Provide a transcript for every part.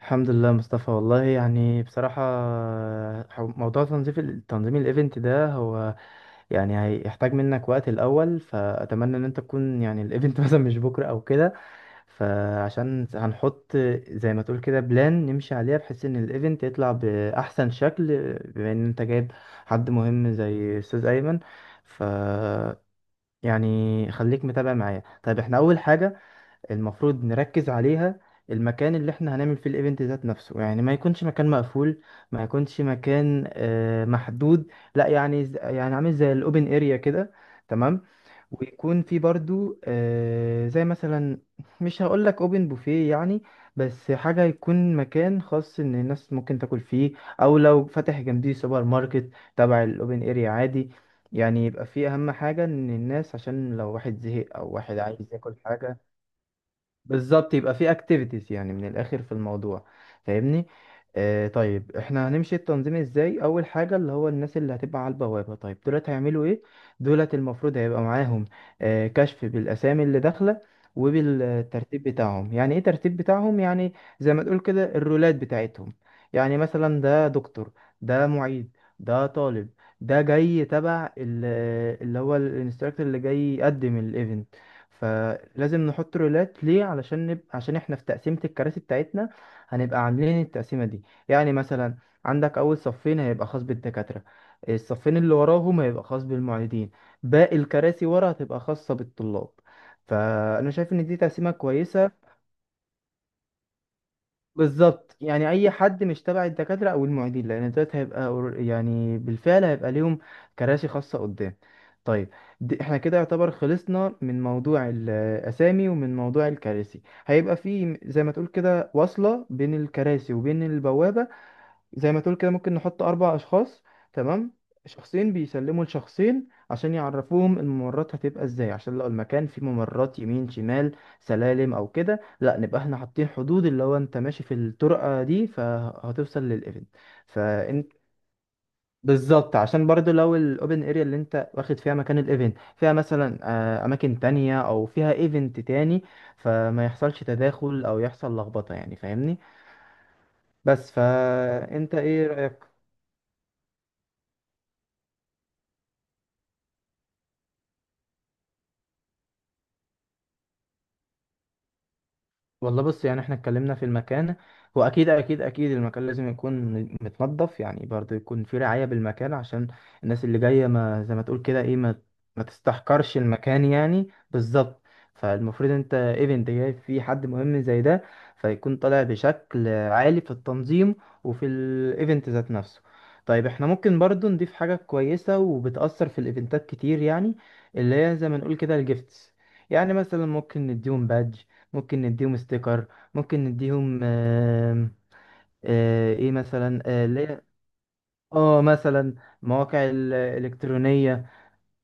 الحمد لله مصطفى. والله يعني بصراحة، موضوع تنظيم الايفنت ده هو يعني هيحتاج منك وقت الأول، فأتمنى إن أنت تكون يعني الايفنت مثلا مش بكرة أو كده. فعشان هنحط زي ما تقول كده بلان نمشي عليها، بحيث إن الايفنت يطلع بأحسن شكل. بما إن أنت جايب حد مهم زي أستاذ أيمن، ف يعني خليك متابع معايا. طيب احنا أول حاجة المفروض نركز عليها المكان اللي احنا هنعمل فيه الايفنت ذات نفسه، يعني ما يكونش مكان مقفول، ما يكونش مكان محدود، لا يعني يعني عامل زي الاوبن اريا كده، تمام؟ ويكون في برضو زي مثلا، مش هقول لك اوبن بوفيه يعني، بس حاجة يكون مكان خاص ان الناس ممكن تاكل فيه، او لو فاتح جنبيه سوبر ماركت تبع الاوبن اريا عادي. يعني يبقى فيه اهم حاجة ان الناس، عشان لو واحد زهق او واحد عايز ياكل حاجة. بالظبط، يبقى في اكتيفيتيز يعني من الاخر في الموضوع، فاهمني؟ آه طيب، احنا هنمشي التنظيم ازاي؟ اول حاجه اللي هو الناس اللي هتبقى على البوابه، طيب دولت هيعملوا ايه؟ دولت المفروض هيبقى معاهم آه كشف بالاسامي اللي داخله، وبالترتيب بتاعهم. يعني ايه ترتيب بتاعهم يعني؟ زي ما تقول كده الرولات بتاعتهم. يعني مثلا ده دكتور، ده معيد، ده طالب، ده جاي تبع اللي هو الانستراكتور اللي جاي يقدم الايفنت. فلازم نحط رولات ليه علشان عشان احنا في تقسيمة الكراسي بتاعتنا هنبقى عاملين التقسيمة دي. يعني مثلا عندك أول صفين هيبقى خاص بالدكاترة، الصفين اللي وراهم هيبقى خاص بالمعيدين، باقي الكراسي ورا هتبقى خاصة بالطلاب. فأنا شايف إن دي تقسيمة كويسة. بالظبط، يعني اي حد مش تبع الدكاتره او المعيدين، لان دلوقتي هيبقى يعني بالفعل هيبقى ليهم كراسي خاصه قدام. طيب، دي احنا كده يعتبر خلصنا من موضوع الاسامي ومن موضوع الكراسي. هيبقى في زي ما تقول كده وصله بين الكراسي وبين البوابه. زي ما تقول كده ممكن نحط أربع أشخاص، تمام؟ شخصين بيسلموا لشخصين عشان يعرفوهم الممرات هتبقى ازاي، عشان لو المكان فيه ممرات يمين شمال سلالم او كده، لا نبقى احنا حاطين حدود اللي هو انت ماشي في الطرقة دي فهتوصل للايفنت. فانت، بالظبط، عشان برضو لو الاوبن اريا اللي انت واخد فيها مكان الايفنت فيها مثلا اماكن تانية او فيها ايفنت تاني، فما يحصلش تداخل او يحصل لخبطة يعني، فاهمني؟ بس، فانت ايه رأيك؟ والله بص، يعني احنا اتكلمنا في المكان. هو اكيد اكيد اكيد المكان لازم يكون متنظف، يعني برضه يكون في رعاية بالمكان عشان الناس اللي جاية. ما زي ما تقول كده، ايه، ما تستحقرش المكان يعني. بالظبط، فالمفروض انت ايفنت جاي فيه حد مهم زي ده، فيكون طالع بشكل عالي في التنظيم وفي الايفنت ذات نفسه. طيب، احنا ممكن برضه نضيف حاجة كويسة وبتأثر في الايفنتات كتير يعني، اللي هي زي ما نقول كده الجيفتس. يعني مثلا ممكن نديهم بادج، ممكن نديهم ستيكر، ممكن نديهم ايه مثلا، اللي هي، اه مثلا مواقع الالكترونيه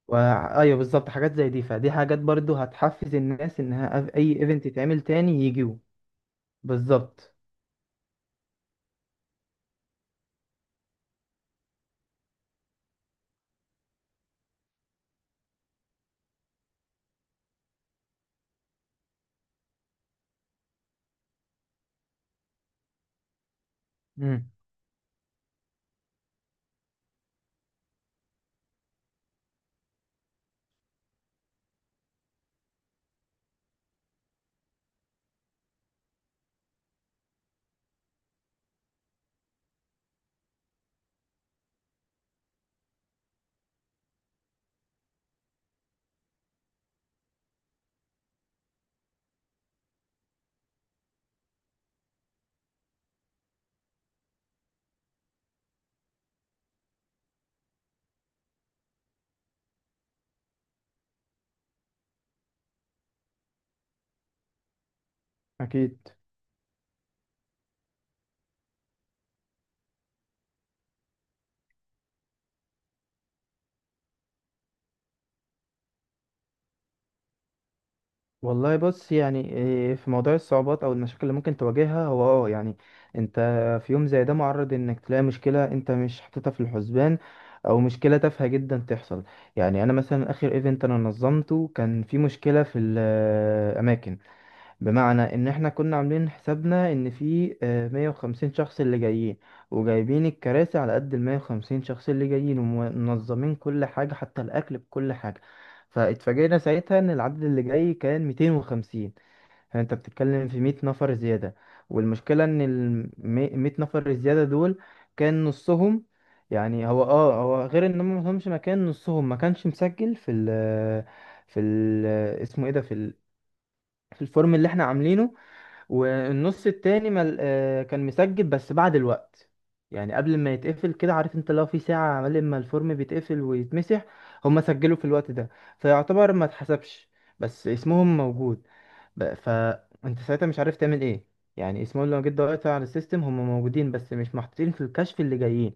و... ايوه بالظبط، حاجات زي دي. فدي حاجات برضو هتحفز الناس انها، اي ايفنت يتعمل تاني يجيوا. بالظبط. امم. اكيد. والله بص، يعني إيه، في موضوع الصعوبات او المشاكل اللي ممكن تواجهها، هو اه يعني انت في يوم زي ده معرض انك تلاقي مشكلة انت مش حاططها في الحسبان، او مشكلة تافهة جدا تحصل. يعني انا مثلا اخر ايفنت انا نظمته كان في مشكلة في الاماكن. بمعنى ان احنا كنا عاملين حسابنا ان في 150 شخص اللي جايين، وجايبين الكراسي على قد ال 150 شخص اللي جايين، ومنظمين كل حاجة حتى الاكل بكل حاجة. فاتفاجئنا ساعتها ان العدد اللي جاي كان 250. فانت بتتكلم في 100 نفر زيادة. والمشكلة ان ال 100 نفر الزيادة دول كان نصهم، يعني هو غير ان هم مفهمش مكان، نصهم ما كانش مسجل في ال اسمه ايه ده، في ال في الفورم اللي احنا عاملينه. والنص التاني كان مسجل بس بعد الوقت. يعني قبل ما يتقفل، كده عارف انت لو في ساعة عمال ما الفورم بيتقفل ويتمسح، هما سجلوا في الوقت ده فيعتبر ما اتحسبش، بس اسمهم موجود. فانت ساعتها مش عارف تعمل ايه. يعني اسمهم لو جيت دورت على السيستم هما موجودين، بس مش محطوطين في الكشف اللي جايين.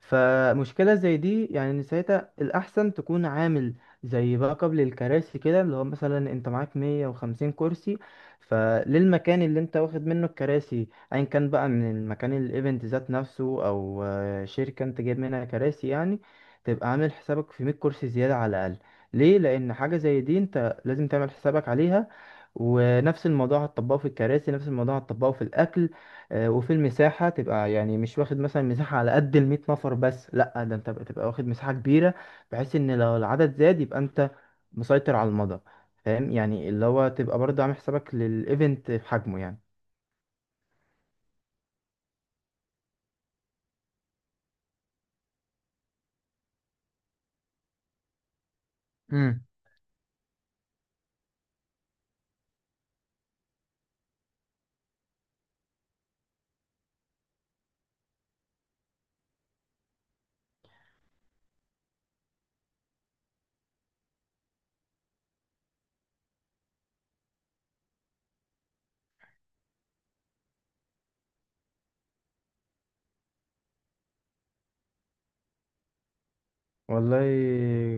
فمشكلة زي دي، يعني إن ساعتها الأحسن تكون عامل زي باك اب للكراسي كده. اللي هو مثلا انت معاك 150 كرسي، فللمكان اللي انت واخد منه الكراسي ايا كان بقى، من المكان الايفنت ذات نفسه او شركة انت جايب منها كراسي يعني، تبقى عامل حسابك في 100 كرسي زيادة على الأقل. ليه؟ لأن حاجة زي دي انت لازم تعمل حسابك عليها. ونفس الموضوع هتطبقه في الكراسي، نفس الموضوع هتطبقه في الأكل، وفي المساحة. تبقى يعني مش واخد مثلا مساحة على قد المية نفر بس، لأ ده انت بقى تبقى واخد مساحة كبيرة، بحيث ان لو العدد زاد يبقى انت مسيطر على المدى. فاهم يعني، اللي هو تبقى برضه عامل حسابك للإيفنت في حجمه يعني. والله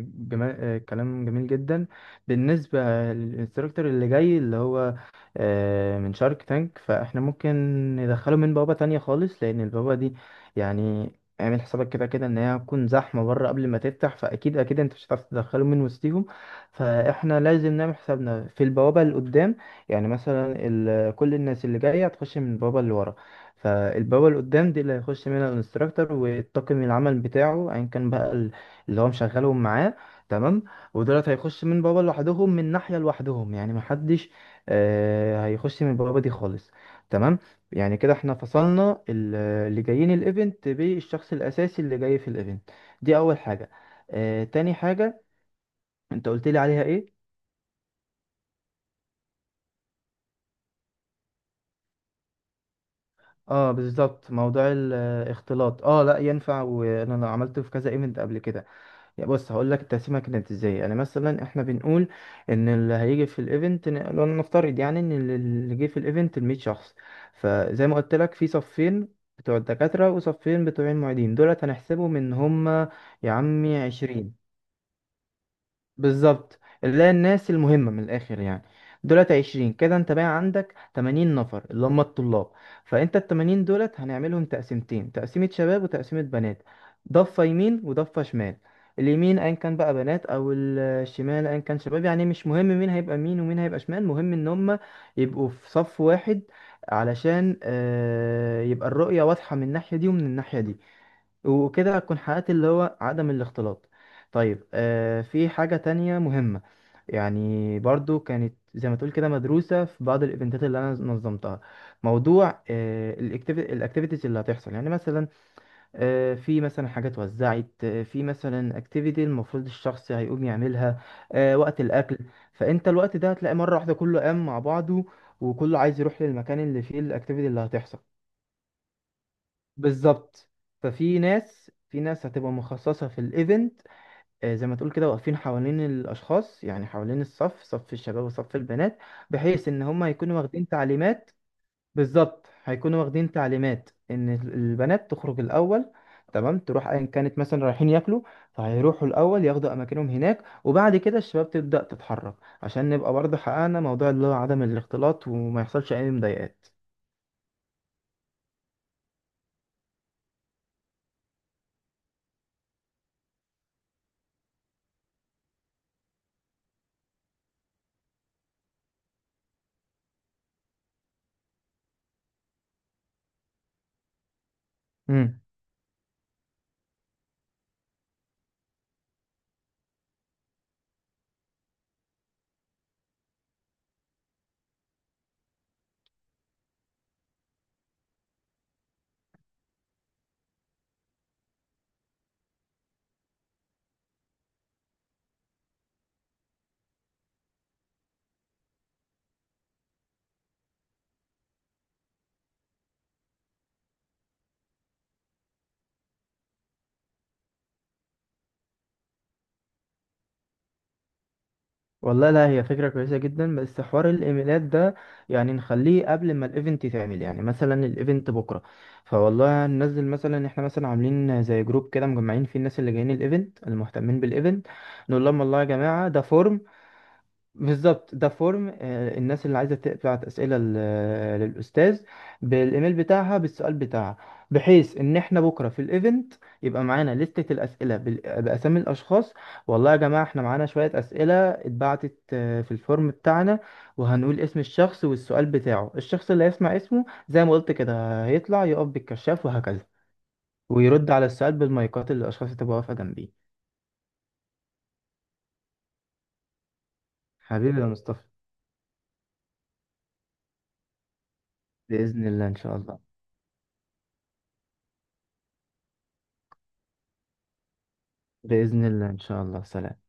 كلام جميل جدا. بالنسبة للانستراكتور اللي جاي اللي هو من شارك تانك، فاحنا ممكن ندخله من بوابة تانية خالص، لأن البوابة دي يعني اعمل حسابك كده كده ان هي هتكون زحمة بره قبل ما تفتح، فأكيد أكيد انت مش هتعرف تدخله من وسطهم. فاحنا لازم نعمل حسابنا في البوابة اللي قدام. يعني مثلا، ال... كل الناس اللي جاية هتخش من البوابة اللي ورا، فالبوابة اللي قدام دي اللي هيخش منها الانستراكتور والطاقم العمل بتاعه أيا كان بقى، اللي هو مشغلهم معاه، تمام؟ ودولت هيخش من بابا لوحدهم، من ناحية لوحدهم، يعني محدش آه هيخش من بابا دي خالص، تمام؟ يعني كده احنا فصلنا اللي جايين الايفنت بالشخص الأساسي اللي جاي في الايفنت. دي أول حاجة. آه تاني حاجة انت قلت لي عليها ايه؟ اه بالظبط، موضوع الاختلاط، اه لا ينفع، وانا عملته في كذا ايفنت قبل كده. يعني بص هقول لك التقسيمه كانت ازاي. يعني مثلا احنا بنقول ان اللي هيجي في الايفنت، لو نفترض يعني ان اللي جه في الايفنت ال 100 شخص، فزي ما قلت لك في صفين بتوع الدكاتره وصفين بتوع المعيدين، دولت هنحسبهم ان هم، يا عمي، 20 بالظبط، اللي هي الناس المهمة من الآخر يعني. دولت عشرين كده، انت بقى عندك تمانين نفر اللي هم الطلاب. فانت التمانين دولت هنعملهم تقسيمتين، تقسيمة شباب وتقسيمة بنات، ضفة يمين وضفة شمال. اليمين ايا كان بقى بنات، او الشمال ايا كان شباب. يعني مش مهم مين هيبقى مين ومين هيبقى شمال، مهم ان هم يبقوا في صف واحد، علشان يبقى الرؤية واضحة من الناحية دي ومن الناحية دي. وكده هتكون حققت اللي هو عدم الاختلاط. طيب، آه في حاجة تانية مهمة، يعني برضو كانت زي ما تقول كده مدروسة في بعض الايفنتات اللي انا نظمتها. موضوع آه الاكتيفيتيز اللي هتحصل. يعني مثلا، آه في مثلا حاجات اتوزعت، في مثلا اكتيفيتي المفروض الشخص هيقوم يعملها آه وقت الاكل. فانت الوقت ده هتلاقي مرة واحدة كله قام مع بعضه، وكله عايز يروح للمكان اللي فيه الاكتيفيتي اللي هتحصل. بالظبط. ففي ناس في ناس هتبقى مخصصة في الايفنت، زي ما تقول كده واقفين حوالين الاشخاص، يعني حوالين الصف، صف الشباب وصف البنات، بحيث ان هم يكونوا واخدين تعليمات. بالظبط، هيكونوا واخدين تعليمات ان البنات تخرج الاول، تمام؟ تروح ايا كانت مثلا رايحين ياكلوا، فهيروحوا الاول ياخدوا اماكنهم هناك، وبعد كده الشباب تبدأ تتحرك. عشان نبقى برضه حققنا موضوع اللي هو عدم الاختلاط، وما يحصلش اي مضايقات. والله لا، هي فكرة كويسة جدا، بس حوار الايميلات ده يعني نخليه قبل ما الايفنت يتعمل، يعني مثلا الايفنت بكرة، فوالله ننزل مثلا، احنا مثلا عاملين زي جروب كده مجمعين فيه الناس اللي جايين الايفنت المهتمين بالايفنت. نقول لهم والله يا جماعة ده فورم، بالظبط، ده فورم الناس اللي عايزه تبعت اسئله للاستاذ بالايميل بتاعها بالسؤال بتاعها، بحيث ان احنا بكره في الايفنت يبقى معانا لستة الاسئله باسامي الاشخاص. والله يا جماعه احنا معانا شويه اسئله اتبعتت في الفورم بتاعنا. وهنقول اسم الشخص والسؤال بتاعه، الشخص اللي هيسمع اسمه زي ما قلت كده هيطلع يقف بالكشاف، وهكذا. ويرد على السؤال بالمايكات اللي الاشخاص اللي تبقى واقفه جنبيه. حبيبي يا مصطفى. باذن الله ان شاء الله. باذن الله ان شاء الله. سلام.